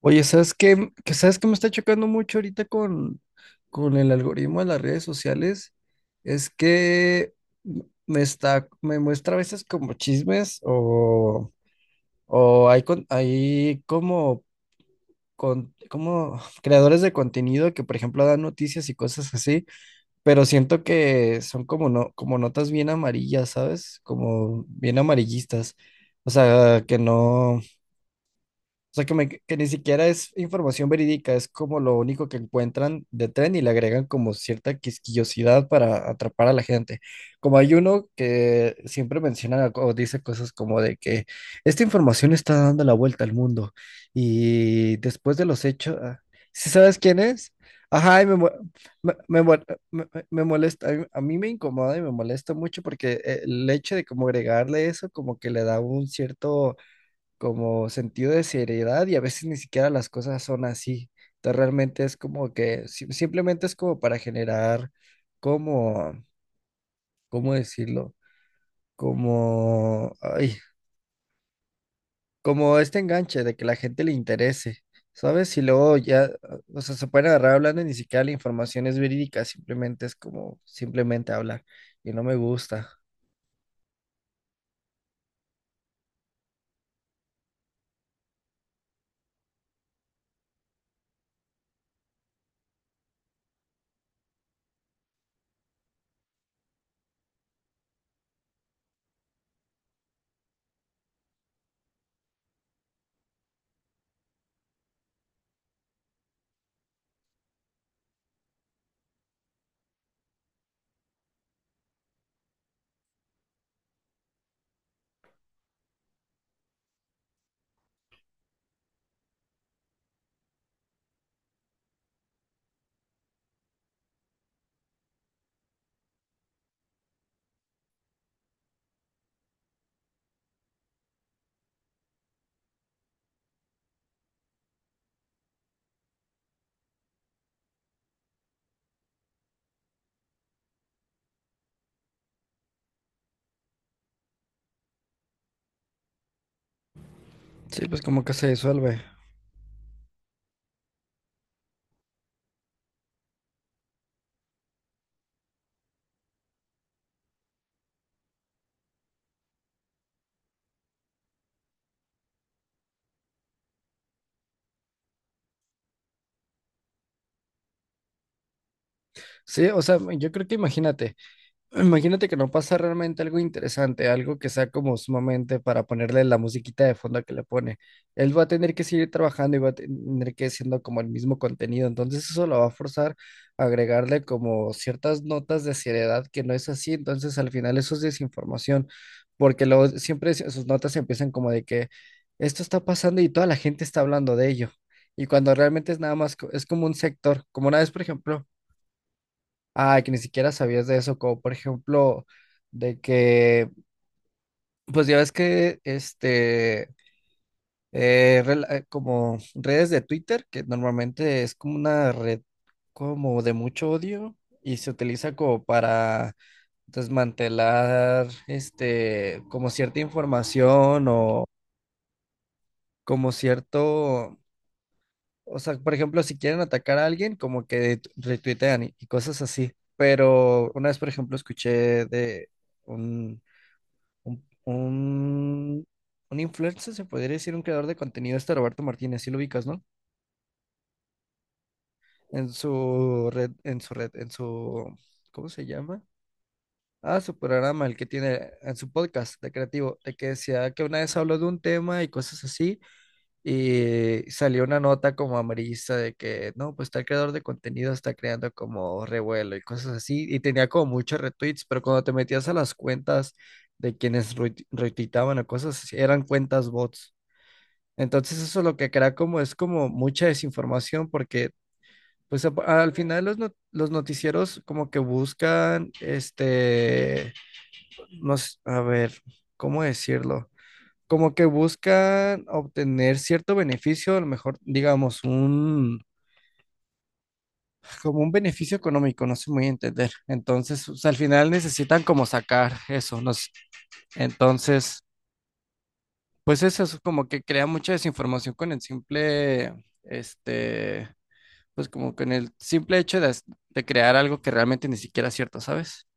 Oye, ¿sabes qué? Que ¿Sabes qué me está chocando mucho ahorita con el algoritmo de las redes sociales? Es que me está, me muestra a veces como chismes o hay, hay como, con, como creadores de contenido que, por ejemplo, dan noticias y cosas así, pero siento que son como, no, como notas bien amarillas, ¿sabes? Como bien amarillistas. O sea, que no. O sea, que, que ni siquiera es información verídica, es como lo único que encuentran de tren y le agregan como cierta quisquillosidad para atrapar a la gente. Como hay uno que siempre menciona o dice cosas como de que esta información está dando la vuelta al mundo y después de los hechos, si sabes quién es? Ajá, y me, mo- me mo- me- me- me molesta, a mí me incomoda y me molesta mucho porque el hecho de como agregarle eso como que le da un cierto como sentido de seriedad y a veces ni siquiera las cosas son así. Entonces realmente es como que simplemente es como para generar como, ¿cómo decirlo? Como, ay, como este enganche de que la gente le interese, ¿sabes? Y luego ya, o sea, se pueden agarrar hablando y ni siquiera la información es verídica, simplemente es como simplemente hablar y no me gusta. Sí, pues como que se disuelve. Sí, o sea, yo creo que imagínate. Imagínate que no pasa realmente algo interesante, algo que sea como sumamente para ponerle la musiquita de fondo que le pone. Él va a tener que seguir trabajando y va a tener que siendo como el mismo contenido, entonces eso lo va a forzar a agregarle como ciertas notas de seriedad que no es así, entonces al final eso es desinformación, porque luego siempre sus notas empiezan como de que esto está pasando y toda la gente está hablando de ello, y cuando realmente es nada más, es como un sector, como una vez, por ejemplo. Ay, que ni siquiera sabías de eso, como por ejemplo, de que, pues ya ves que, este, como redes de Twitter, que normalmente es como una red como de mucho odio y se utiliza como para desmantelar, este, como cierta información o como cierto, o sea, por ejemplo, si quieren atacar a alguien, como que retuitean y cosas así. Pero una vez, por ejemplo, escuché de un, Un, un, un influencer, se podría decir, un creador de contenido, este Roberto Martínez, sí lo ubicas, ¿no? En su, ¿cómo se llama? Ah, su programa, el que tiene en su podcast de creativo, de que decía que una vez habló de un tema y cosas así, y salió una nota como amarillista de que, no, pues tal creador de contenido está creando como revuelo y cosas así, y tenía como muchos retweets, pero cuando te metías a las cuentas de quienes retuitaban o cosas así, eran cuentas bots. Entonces eso lo que crea como es como mucha desinformación porque pues al final los, los noticieros como que buscan este, nos, a ver, ¿cómo decirlo? Como que buscan obtener cierto beneficio, a lo mejor digamos un, como un beneficio económico, no sé muy bien entender. Entonces, o sea al final necesitan como sacar eso, no sé. Entonces, pues eso es como que crea mucha desinformación con el simple este pues como con el simple hecho de, de crear algo que realmente ni siquiera es cierto, ¿sabes?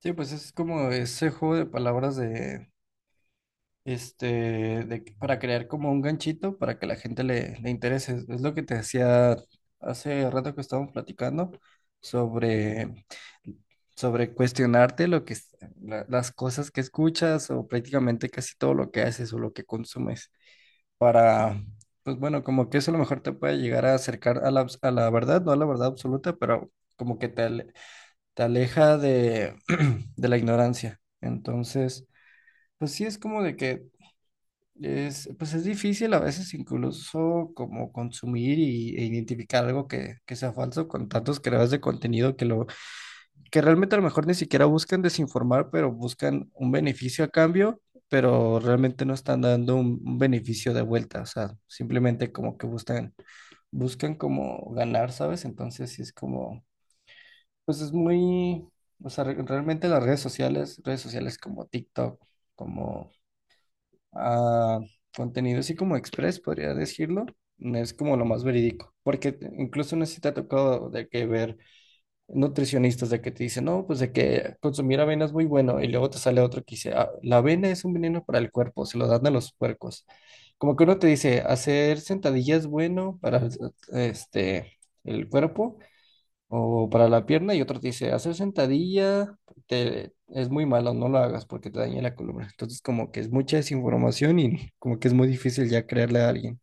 Sí, pues es como ese juego de palabras de, este, de, para crear como un ganchito para que la gente le, le interese. Es lo que te decía hace rato que estábamos platicando sobre, sobre cuestionarte lo que, las cosas que escuchas o prácticamente casi todo lo que haces o lo que consumes. Para, pues bueno, como que eso a lo mejor te puede llegar a acercar a la verdad, no a la verdad absoluta, pero como que te, te aleja de, de la ignorancia. Entonces, pues sí es como de que es, pues es difícil a veces incluso como consumir y, e identificar algo que sea falso con tantos creadores de contenido que lo que realmente a lo mejor ni siquiera buscan desinformar, pero buscan un beneficio a cambio, pero realmente no están dando un beneficio de vuelta, o sea, simplemente como que buscan, buscan como ganar, ¿sabes? Entonces sí es como, pues es muy, o sea, realmente las redes sociales como TikTok, como ah, contenido así como Express, podría decirlo, es como lo más verídico, porque incluso no sé si te ha tocado de que ver nutricionistas de que te dicen, no, pues de que consumir avena es muy bueno, y luego te sale otro que dice, "Ah, la avena es un veneno para el cuerpo, se lo dan a los puercos". Como que uno te dice, hacer sentadilla es bueno para este, el cuerpo o para la pierna, y otro te dice, hacer sentadilla es muy malo, no lo hagas porque te daña la columna. Entonces, como que es mucha desinformación y como que es muy difícil ya creerle a alguien.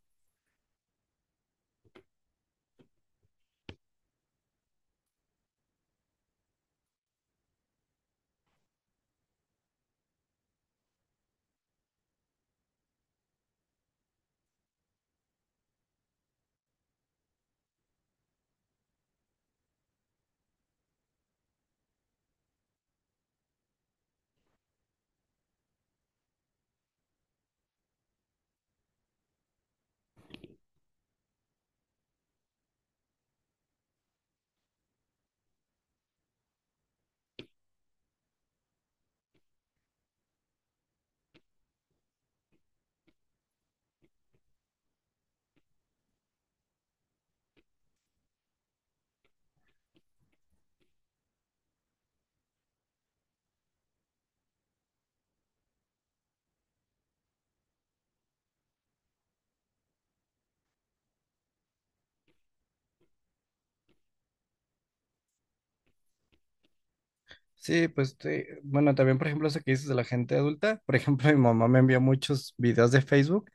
Sí, pues bueno, también por ejemplo eso que dices de la gente adulta, por ejemplo mi mamá me envió muchos videos de Facebook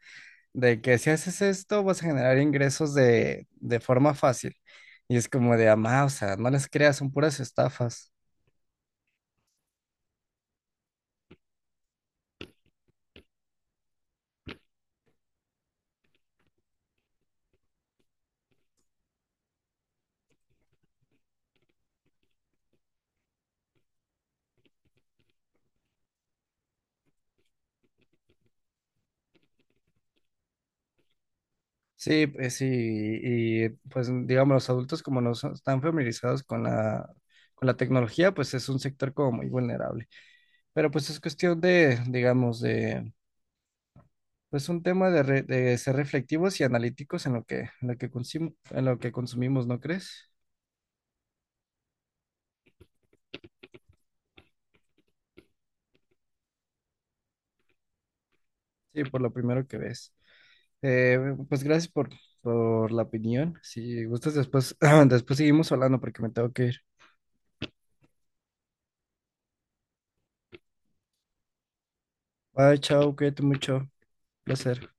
de que si haces esto vas a generar ingresos de forma fácil. Y es como de, amá, o sea, no les creas, son puras estafas. Sí, pues sí, y pues digamos los adultos como no están familiarizados con la tecnología, pues es un sector como muy vulnerable. Pero pues es cuestión de, digamos, de pues un tema de, de ser reflectivos y analíticos en lo que, en lo que, en lo que consumimos, ¿no crees? Sí, por lo primero que ves. Eh, pues gracias por la opinión. Si gustas, después, después seguimos hablando porque me tengo que ir. Bye, chao, cuídate mucho. Placer.